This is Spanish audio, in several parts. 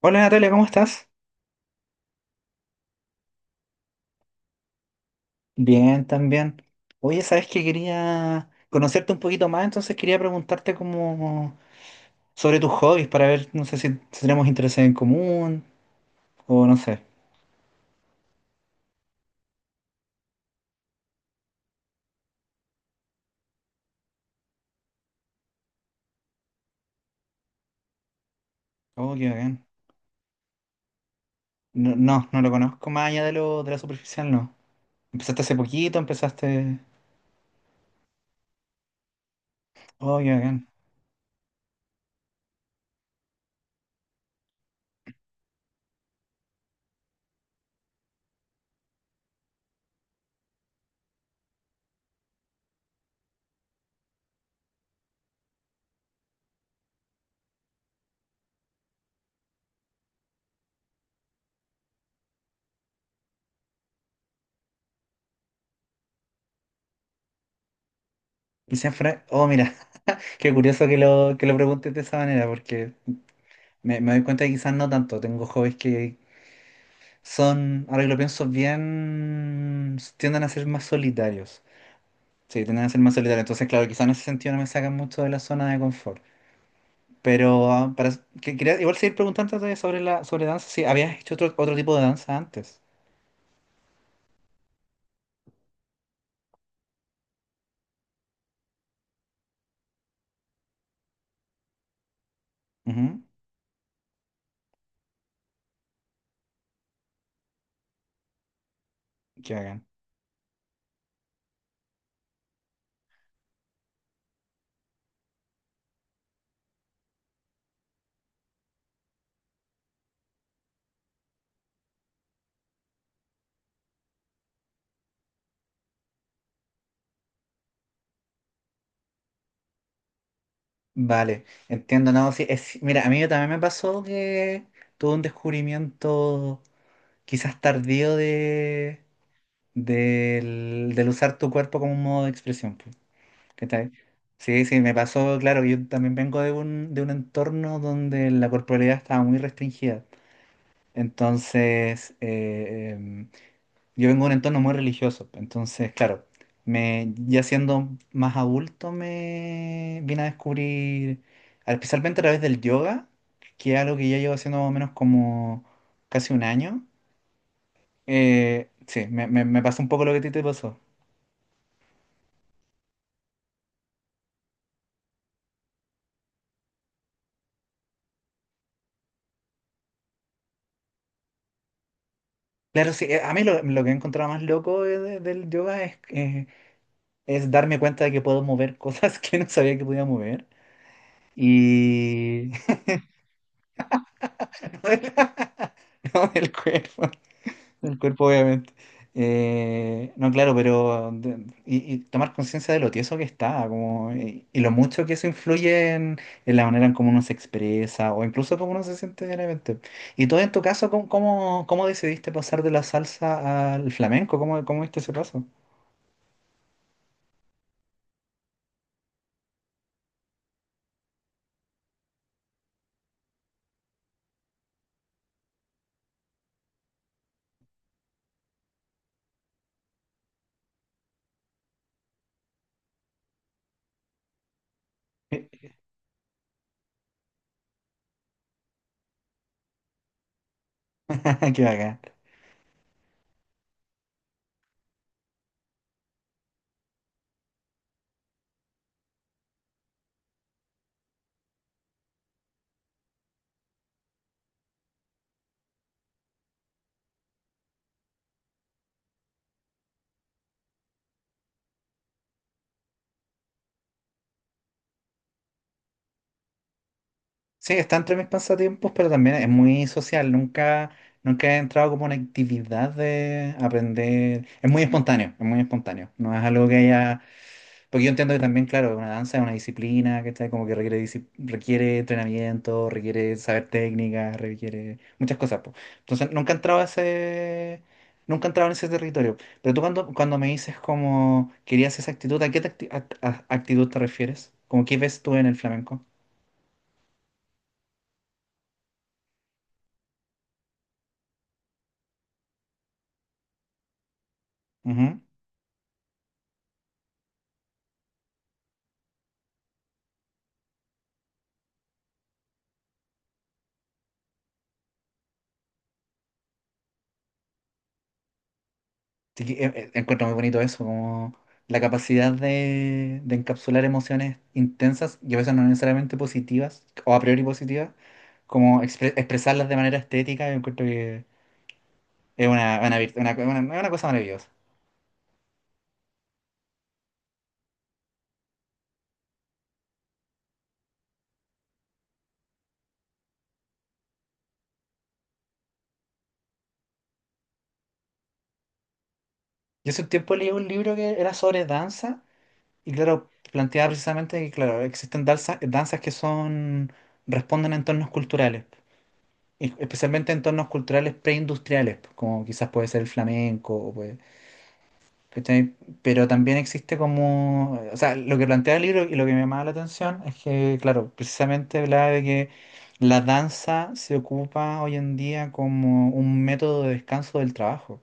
Hola Natalia, ¿cómo estás? Bien, también. Oye, sabes que quería conocerte un poquito más, entonces quería preguntarte como sobre tus hobbies para ver, no sé si tenemos intereses en común o no sé. Oh, qué bien. No, no, no lo conozco más allá de lo de la superficial, no. Empezaste hace poquito, empezaste. Oh, qué bien. Y siempre. Oh, mira, qué curioso que lo preguntes de esa manera, porque me doy cuenta que quizás no tanto. Tengo hobbies que son, ahora que lo pienso bien, tienden a ser más solitarios. Sí, tienden a ser más solitarios. Entonces, claro, quizás en ese sentido no me sacan mucho de la zona de confort. Pero para, quería igual seguir preguntándote sobre la sobre danza, si habías hecho otro tipo de danza antes. Ujú. Qué bacán. Vale, entiendo, no, sí, es, mira, a mí también me pasó que tuve un descubrimiento quizás tardío de, del usar tu cuerpo como un modo de expresión. Pues, ¿cachai? Sí, sí, me pasó, claro, yo también vengo de de un entorno donde la corporalidad estaba muy restringida. Entonces, yo vengo de un entorno muy religioso, entonces, claro, me, ya siendo más adulto me vine a descubrir, especialmente a través del yoga, que es algo que ya llevo haciendo más o menos como casi un año. Sí, me pasó un poco lo que a ti te pasó. Claro, sí, a mí lo que he encontrado más loco del yoga es darme cuenta de que puedo mover cosas que no sabía que podía mover. Y no, el cuerpo obviamente. No, claro, pero y tomar conciencia de lo tieso que está, como, y lo mucho que eso influye en la manera en cómo uno se expresa o incluso cómo uno se siente diariamente. Y todo en tu caso, cómo decidiste pasar de la salsa al flamenco? ¿Cómo, cómo viste ese paso? Qué bacán. Sí, está entre mis pasatiempos, pero también es muy social. Nunca, nunca he entrado como una actividad de aprender. Es muy espontáneo, es muy espontáneo. No es algo que haya. Porque yo entiendo que también, claro, una danza es una disciplina, ¿cachai? Como que requiere, requiere entrenamiento, requiere saber técnica, requiere muchas cosas, po. Entonces, nunca he entrado a ese. Nunca he entrado en ese territorio. Pero tú cuando me dices como querías esa actitud, ¿a qué te acti- act- a- actitud te refieres? ¿Como qué ves tú en el flamenco? Ujú. Sí que, encuentro muy bonito eso, como la capacidad de encapsular emociones intensas y a veces no necesariamente positivas o a priori positivas, como expresarlas de manera estética, yo encuentro que es una, virt- una cosa maravillosa. Yo hace un tiempo leí un libro que era sobre danza y claro, planteaba precisamente que claro, existen danzas que son, responden a entornos culturales, y especialmente entornos culturales preindustriales, como quizás puede ser el flamenco o puede... ¿cachai? Pero también existe como, o sea, lo que plantea el libro y lo que me llamaba la atención es que, claro, precisamente hablaba de que la danza se ocupa hoy en día como un método de descanso del trabajo.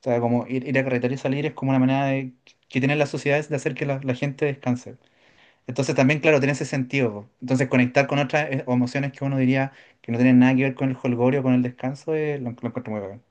O sea, como ir a carretera y salir es como una manera de, que tienen las sociedades de hacer que la gente descanse. Entonces también, claro, tiene ese sentido, po. Entonces conectar con otras emociones que uno diría que no tienen nada que ver con el jolgorio, con el descanso, lo encuentro muy bacán.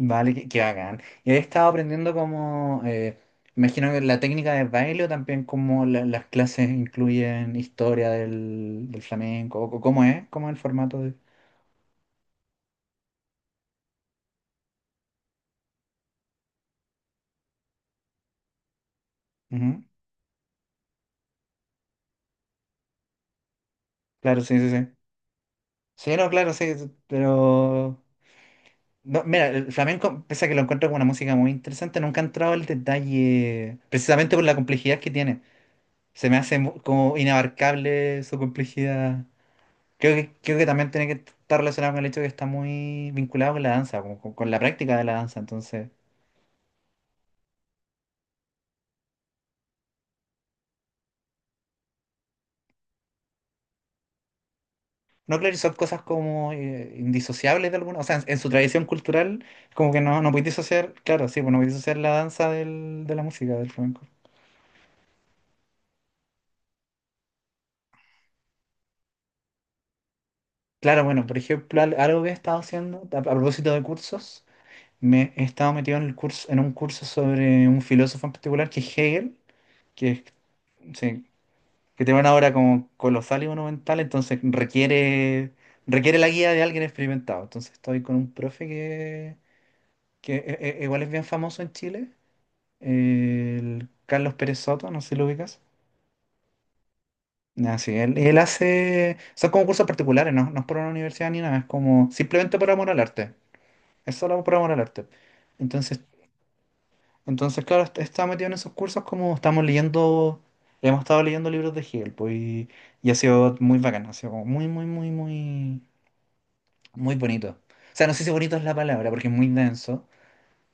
Vale, qué, qué bacán. Y he estado aprendiendo como, imagino que la técnica de baile o también como las clases incluyen historia del flamenco, o cómo es el formato de... Ujú. Claro, sí, sí, sí. Sí, no, claro, sí, sí, pero... no, mira, el flamenco, pese a que lo encuentro como una música muy interesante, nunca he entrado al detalle, precisamente por la complejidad que tiene. Se me hace como inabarcable su complejidad. Creo que también tiene que estar relacionado con el hecho de que está muy vinculado con la danza, como con la práctica de la danza. Entonces, no son cosas como indisociables de alguna. O sea, en su tradición cultural, como que no, no podéis disociar, claro, sí, pues no podéis disociar la danza del, de la música, del flamenco. Claro, bueno, por ejemplo, algo que he estado haciendo a propósito de cursos, me he estado metido en el curso, en un curso sobre un filósofo en particular que es Hegel, que es... sí, que te van ahora como colosal y monumental, entonces requiere, requiere la guía de alguien experimentado. Entonces estoy con un profe que igual es bien famoso en Chile, el Carlos Pérez Soto, no sé si lo ubicas. Ah, sí, él hace, son como cursos particulares, ¿no? No es por una universidad ni nada, es como simplemente por amor al arte. Es solo por amor al arte. Entonces, entonces, claro, estaba metido en esos cursos como estamos leyendo, hemos estado leyendo libros de Hegel, pues, y ha sido muy bacán, ha sido como muy bonito. O sea, no sé si bonito es la palabra, porque es muy denso,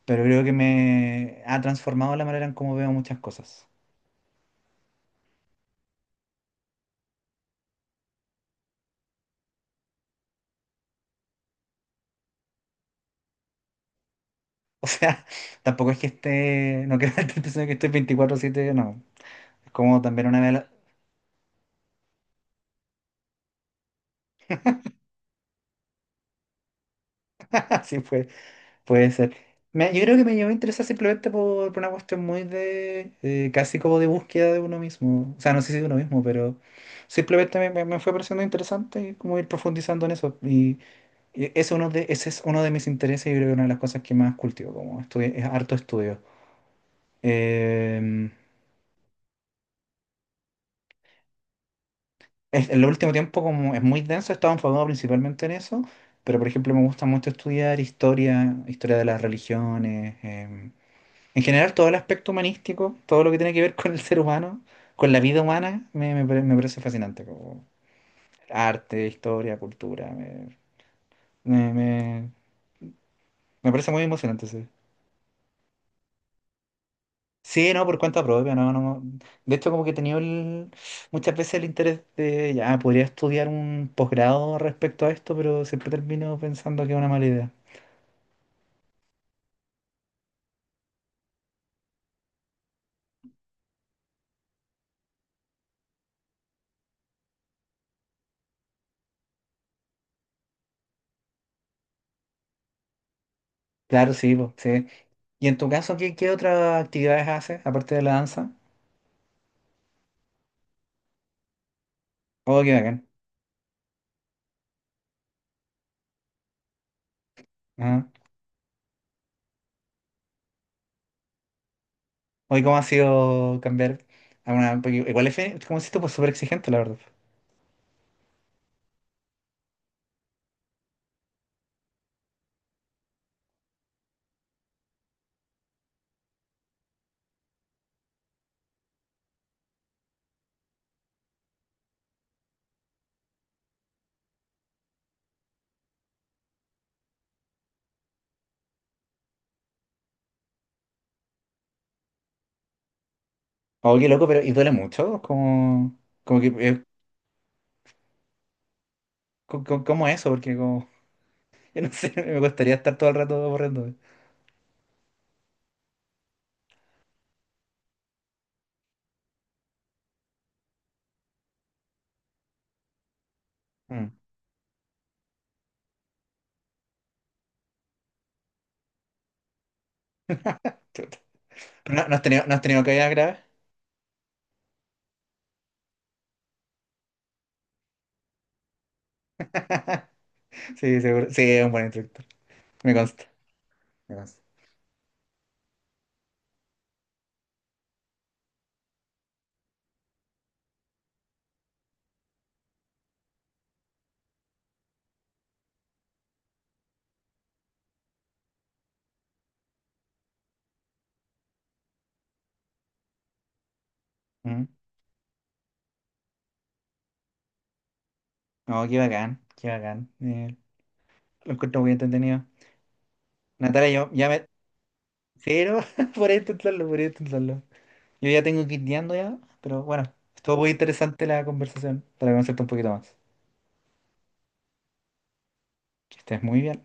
pero creo que me ha transformado la manera en cómo veo muchas cosas. O sea, tampoco es que esté, no quiero darte la impresión de que estoy 24/7, no. Es como también una vela, así fue. Puede ser. Yo creo que me llegó a interesar simplemente por una cuestión muy de, casi como de búsqueda de uno mismo. O sea, no sé si de uno mismo, pero simplemente me fue pareciendo interesante y como ir profundizando en eso. Y ese, ese es uno de mis intereses y creo que una de las cosas que más cultivo, como estudio, es harto estudio. Eh, en el último tiempo, como es muy denso, he estado enfocado principalmente en eso, pero por ejemplo me gusta mucho estudiar historia, historia de las religiones. En general, todo el aspecto humanístico, todo lo que tiene que ver con el ser humano, con la vida humana, me parece fascinante. Como arte, historia, cultura, me, me- me parece muy emocionante. Sí. Sí, no, por cuenta propia, no, no, no. De hecho, como que he tenido muchas veces el interés de, ya, podría estudiar un posgrado respecto a esto, pero siempre termino pensando que es una mala idea. Claro, sí, po, sí. ¿Y en tu caso, qué, qué otras actividades haces, aparte de la danza? Oh, qué bacán. Ajá. Hoy, ¿cómo ha sido cambiar a una... porque igual es, como si esto pues súper exigente, la verdad. Oye, qué loco, pero... ¿Y duele mucho? Como, como que... ¿Cómo, es eso? Porque como... Yo no sé, me gustaría estar todo el rato borrando. Mm. Chuta. Pero no, no has tenido, no has tenido caídas graves. Sí, seguro. Sí, es un buen instructor. Me consta. Me consta. Mm. No, qué bacán, qué bacán. Lo encuentro muy entretenido. Natalia, yo ya me. Pero podría intentarlo, podría intentarlo. Yo ya tengo que ir guiando ya, pero bueno, estuvo muy interesante la conversación para conocerte un poquito más. Que estés muy bien.